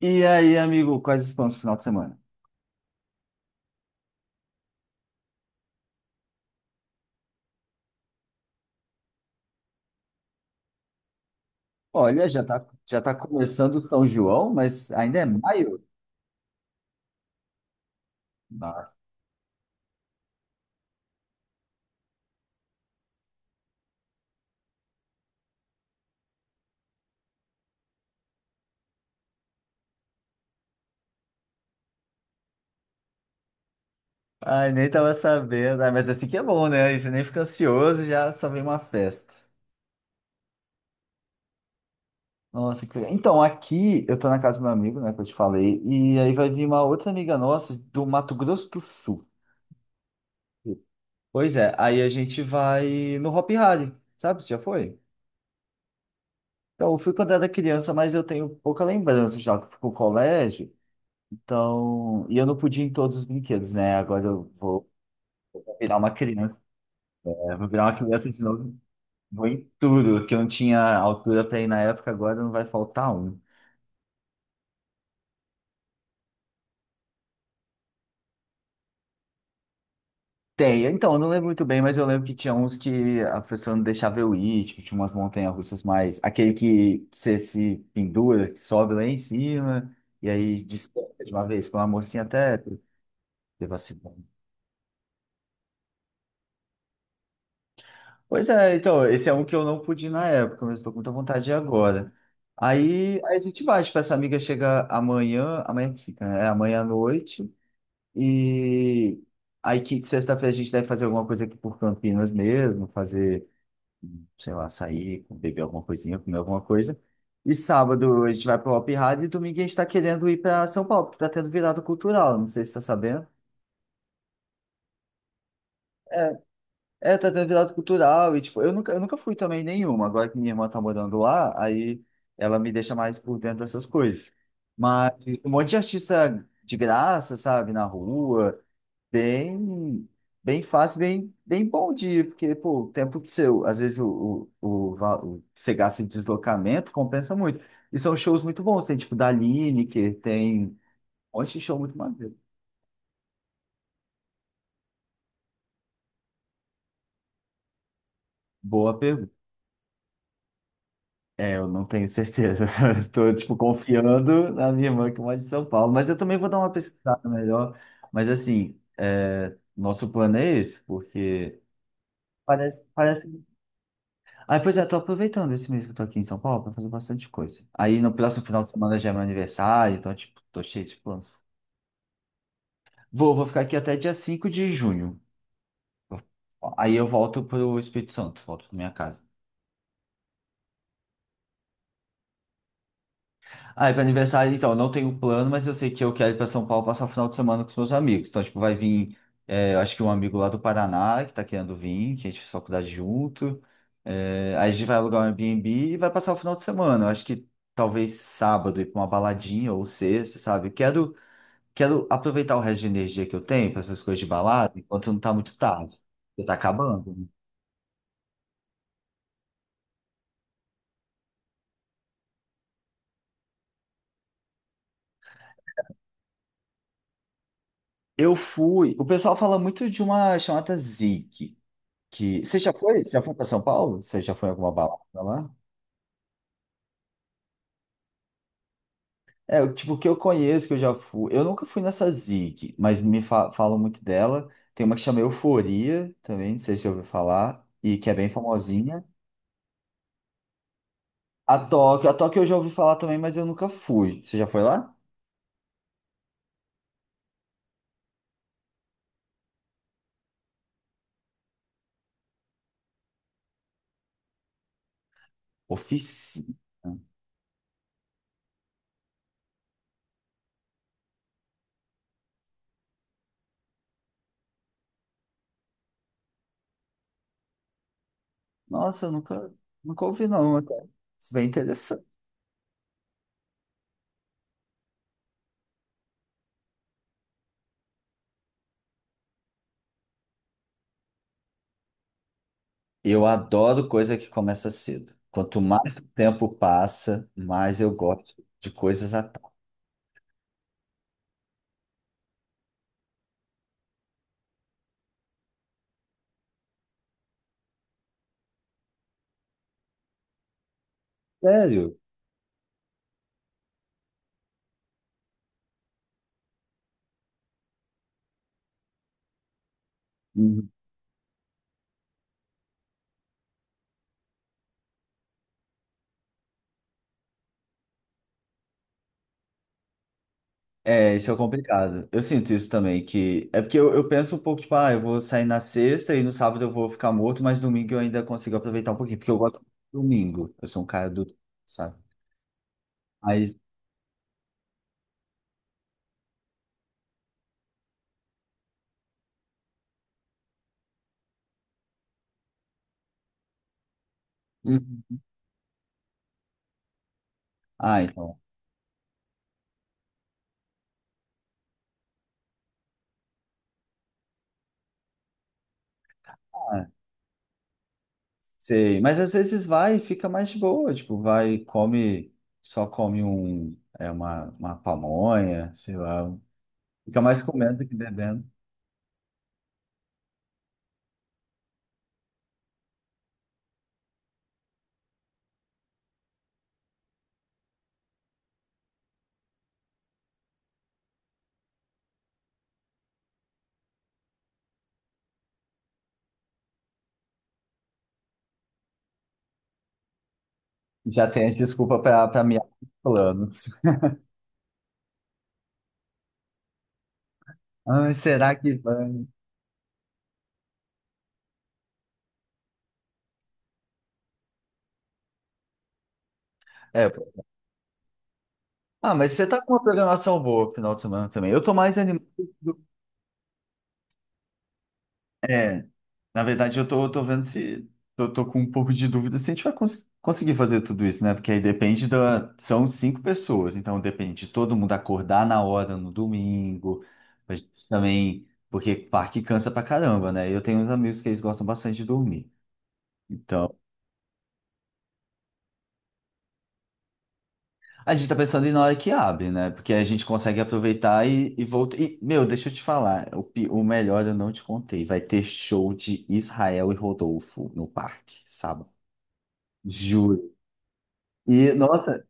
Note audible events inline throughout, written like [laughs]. E aí, amigo, quais os planos pro final de semana? Olha, já tá começando o São João, mas ainda é maio? Nossa. Ai, nem tava sabendo. Ah, mas é assim que é bom, né? Aí você nem fica ansioso, já só vem uma festa. Nossa, que legal. Então, aqui eu tô na casa do meu amigo, né, que eu te falei, e aí vai vir uma outra amiga nossa do Mato Grosso do Sul. Pois é, aí a gente vai no Hopi Hari, sabe? Você já foi? Então, eu fui quando era criança, mas eu tenho pouca lembrança já que fui pro colégio. Então, e eu não podia ir em todos os brinquedos, né? Agora eu vou virar uma criança, né? Vou virar uma criança de novo. Vou em tudo, que eu não tinha altura para ir na época, agora não vai faltar um. Tem, então, eu não lembro muito bem, mas eu lembro que tinha uns que a pessoa não deixava eu ir, tipo, tinha umas montanhas-russas mais. Aquele que você se pendura, que sobe lá em cima, e aí despenca de uma vez. Foi uma mocinha até teve um acidente. Pois é, então, esse é um que eu não pude ir na época, mas estou com muita vontade de ir agora. Aí a gente vai, tipo, essa amiga chega amanhã, amanhã que fica, né? É amanhã à noite, e aí que sexta-feira a gente deve fazer alguma coisa aqui por Campinas mesmo, fazer, sei lá, sair, beber alguma coisinha, comer alguma coisa. E sábado a gente vai pro Hopi Hari e domingo a gente tá querendo ir para São Paulo, porque tá tendo virada cultural, não sei se tá sabendo. É, tá tendo virada cultural e, tipo, eu nunca fui também em nenhuma. Agora que minha irmã tá morando lá, aí ela me deixa mais por dentro dessas coisas. Mas um monte de artista de graça, sabe, na rua, bem, bem fácil, bem, bem bom dia, porque, pô, o tempo que você, às vezes, o que você gasta em deslocamento compensa muito. E são shows muito bons, tem, tipo, da Lineker, tem um monte de show muito maneiro. Boa pergunta. É, eu não tenho certeza. [laughs] Estou, tipo, confiando na minha irmã que mora em São Paulo. Mas eu também vou dar uma pesquisada melhor. Mas, assim, é, nosso plano é esse, porque... Parece, parece... Ah, pois é, estou aproveitando esse mês que eu estou aqui em São Paulo para fazer bastante coisa. Aí, no próximo final de semana já é meu aniversário, então, tipo, tô cheio de planos. Vou ficar aqui até dia 5 de junho. Aí eu volto pro Espírito Santo, volto pra minha casa. Ah, é para aniversário, então, eu não tenho plano, mas eu sei que eu quero ir para São Paulo passar o final de semana com os meus amigos. Então, tipo, vai vir, é, eu acho que um amigo lá do Paraná que tá querendo vir, que a gente fez faculdade junto. É, aí a gente vai alugar um Airbnb e vai passar o final de semana. Eu acho que talvez sábado ir para uma baladinha ou sexta, sabe? Quero aproveitar o resto de energia que eu tenho para essas coisas de balada, enquanto não tá muito tarde. Porque tá acabando, né? Eu fui. O pessoal fala muito de uma chamada Zig. Que... Você já foi? Você já foi para São Paulo? Você já foi em alguma balada lá? É, o tipo, que eu conheço, que eu já fui. Eu nunca fui nessa Zig, mas falam muito dela. Tem uma que chama Euforia também, não sei se você ouviu falar, e que é bem famosinha. A Tóquio eu já ouvi falar também, mas eu nunca fui. Você já foi lá? Oficina. Nossa, eu nunca ouvi, não. Até. Isso é bem interessante. Eu adoro coisa que começa cedo. Quanto mais o tempo passa, mais eu gosto de coisas à tarde. Sério? É, isso é complicado. Eu sinto isso também, que é porque eu penso um pouco, tipo, ah, eu vou sair na sexta e no sábado eu vou ficar morto, mas domingo eu ainda consigo aproveitar um pouquinho, porque eu gosto do domingo. Eu sou um cara do, sabe? Mas, uhum. Ah, então, ah, sei. Mas às vezes vai e fica mais de boa, tipo, vai, e come, só come um, é, uma pamonha, sei lá. Fica mais comendo do que bebendo. Já tem a desculpa para meus planos. [laughs] Ah, será que vai? É, ah, mas você tá com uma programação boa pro final de semana também. Eu tô mais animado. do- É, na verdade, eu tô vendo se. Eu tô com um pouco de dúvida se a gente vai conseguir fazer tudo isso, né? Porque aí depende da. São cinco pessoas, então depende de todo mundo acordar na hora no domingo. A gente também. Porque parque cansa pra caramba, né? Eu tenho uns amigos que eles gostam bastante de dormir. Então, a gente tá pensando em na hora que abre, né? Porque a gente consegue aproveitar e voltar. E, meu, deixa eu te falar, o, o melhor eu não te contei. Vai ter show de Israel e Rodolfo no parque, sábado. Juro. E, nossa,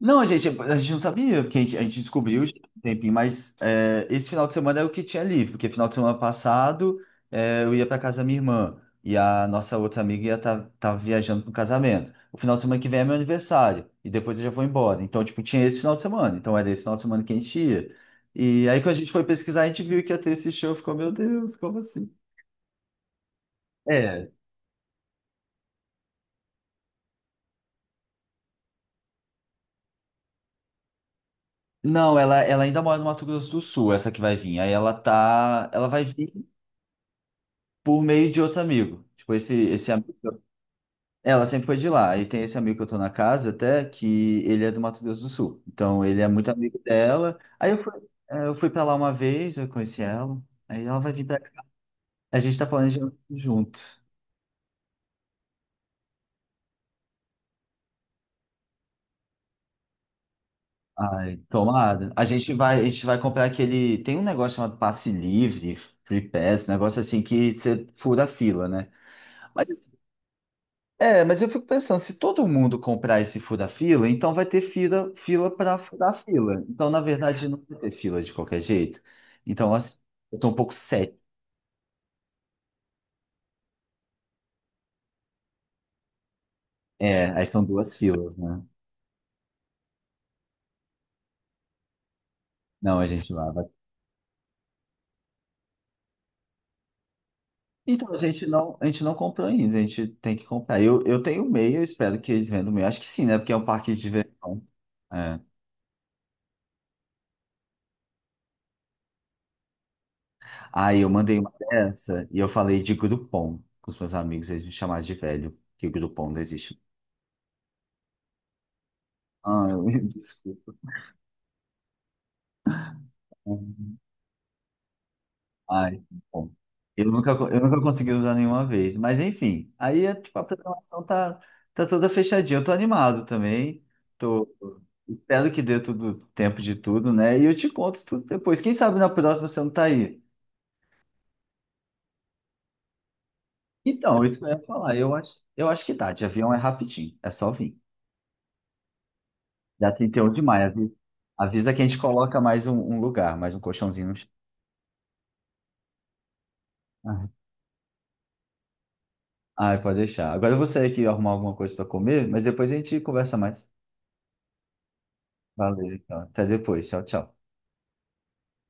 não, a gente não sabia, porque a gente descobriu já há um tempinho, mas é, esse final de semana é o que tinha livre, porque final de semana passado é, eu ia para casa da minha irmã e a nossa outra amiga ia estar viajando para o casamento. O final de semana que vem é meu aniversário e depois eu já vou embora. Então, tipo, tinha esse final de semana, então era esse final de semana que a gente ia. E aí, quando a gente foi pesquisar, a gente viu que ia ter esse show, ficou, meu Deus, como assim? É, não, ela ainda mora no Mato Grosso do Sul, essa que vai vir. Aí ela tá, ela vai vir. Por meio de outro amigo. Tipo, esse amigo. Ela sempre foi de lá. E tem esse amigo que eu tô na casa até, que ele é do Mato Grosso do Sul. Então, ele é muito amigo dela. Aí eu fui, é, eu fui pra lá uma vez, eu conheci ela. Aí ela vai vir pra cá. A gente tá planejando junto. Ai, tomada. A gente vai comprar aquele. Tem um negócio chamado passe livre, free pass, um negócio assim que você fura a fila, né? Mas assim, é, mas eu fico pensando, se todo mundo comprar esse fura-fila, então vai ter fila, fila para furar fila. Então, na verdade, não vai ter fila de qualquer jeito. Então, assim, eu tô um pouco cético. É, aí são duas filas, né? Não, a gente lava. Então, a gente não comprou ainda, a gente tem que comprar. Eu tenho o meio, eu espero que eles vendam o meio. Acho que sim, né? Porque é um parque de diversão. É. Aí eu mandei uma dessa e eu falei de Groupon com os meus amigos, eles me chamaram de velho, que o Groupon não existe. Ah, eu [laughs] desculpa. Ai, bom. Eu nunca, eu nunca consegui usar nenhuma vez. Mas enfim, aí é, tipo, a programação tá, tá toda fechadinha. Eu tô animado também. Tô, espero que dê tudo tempo de tudo, né? E eu te conto tudo depois. Quem sabe na próxima você não tá aí. Então, isso que eu ia falar. Eu acho que dá. De avião é rapidinho. É só vir. Já 31 de maio. Avisa que a gente coloca mais um, um lugar, mais um colchãozinho no chão. Ah, ai, pode deixar. Agora eu vou sair aqui arrumar alguma coisa para comer, mas depois a gente conversa mais. Valeu, então. Até depois. Tchau, tchau.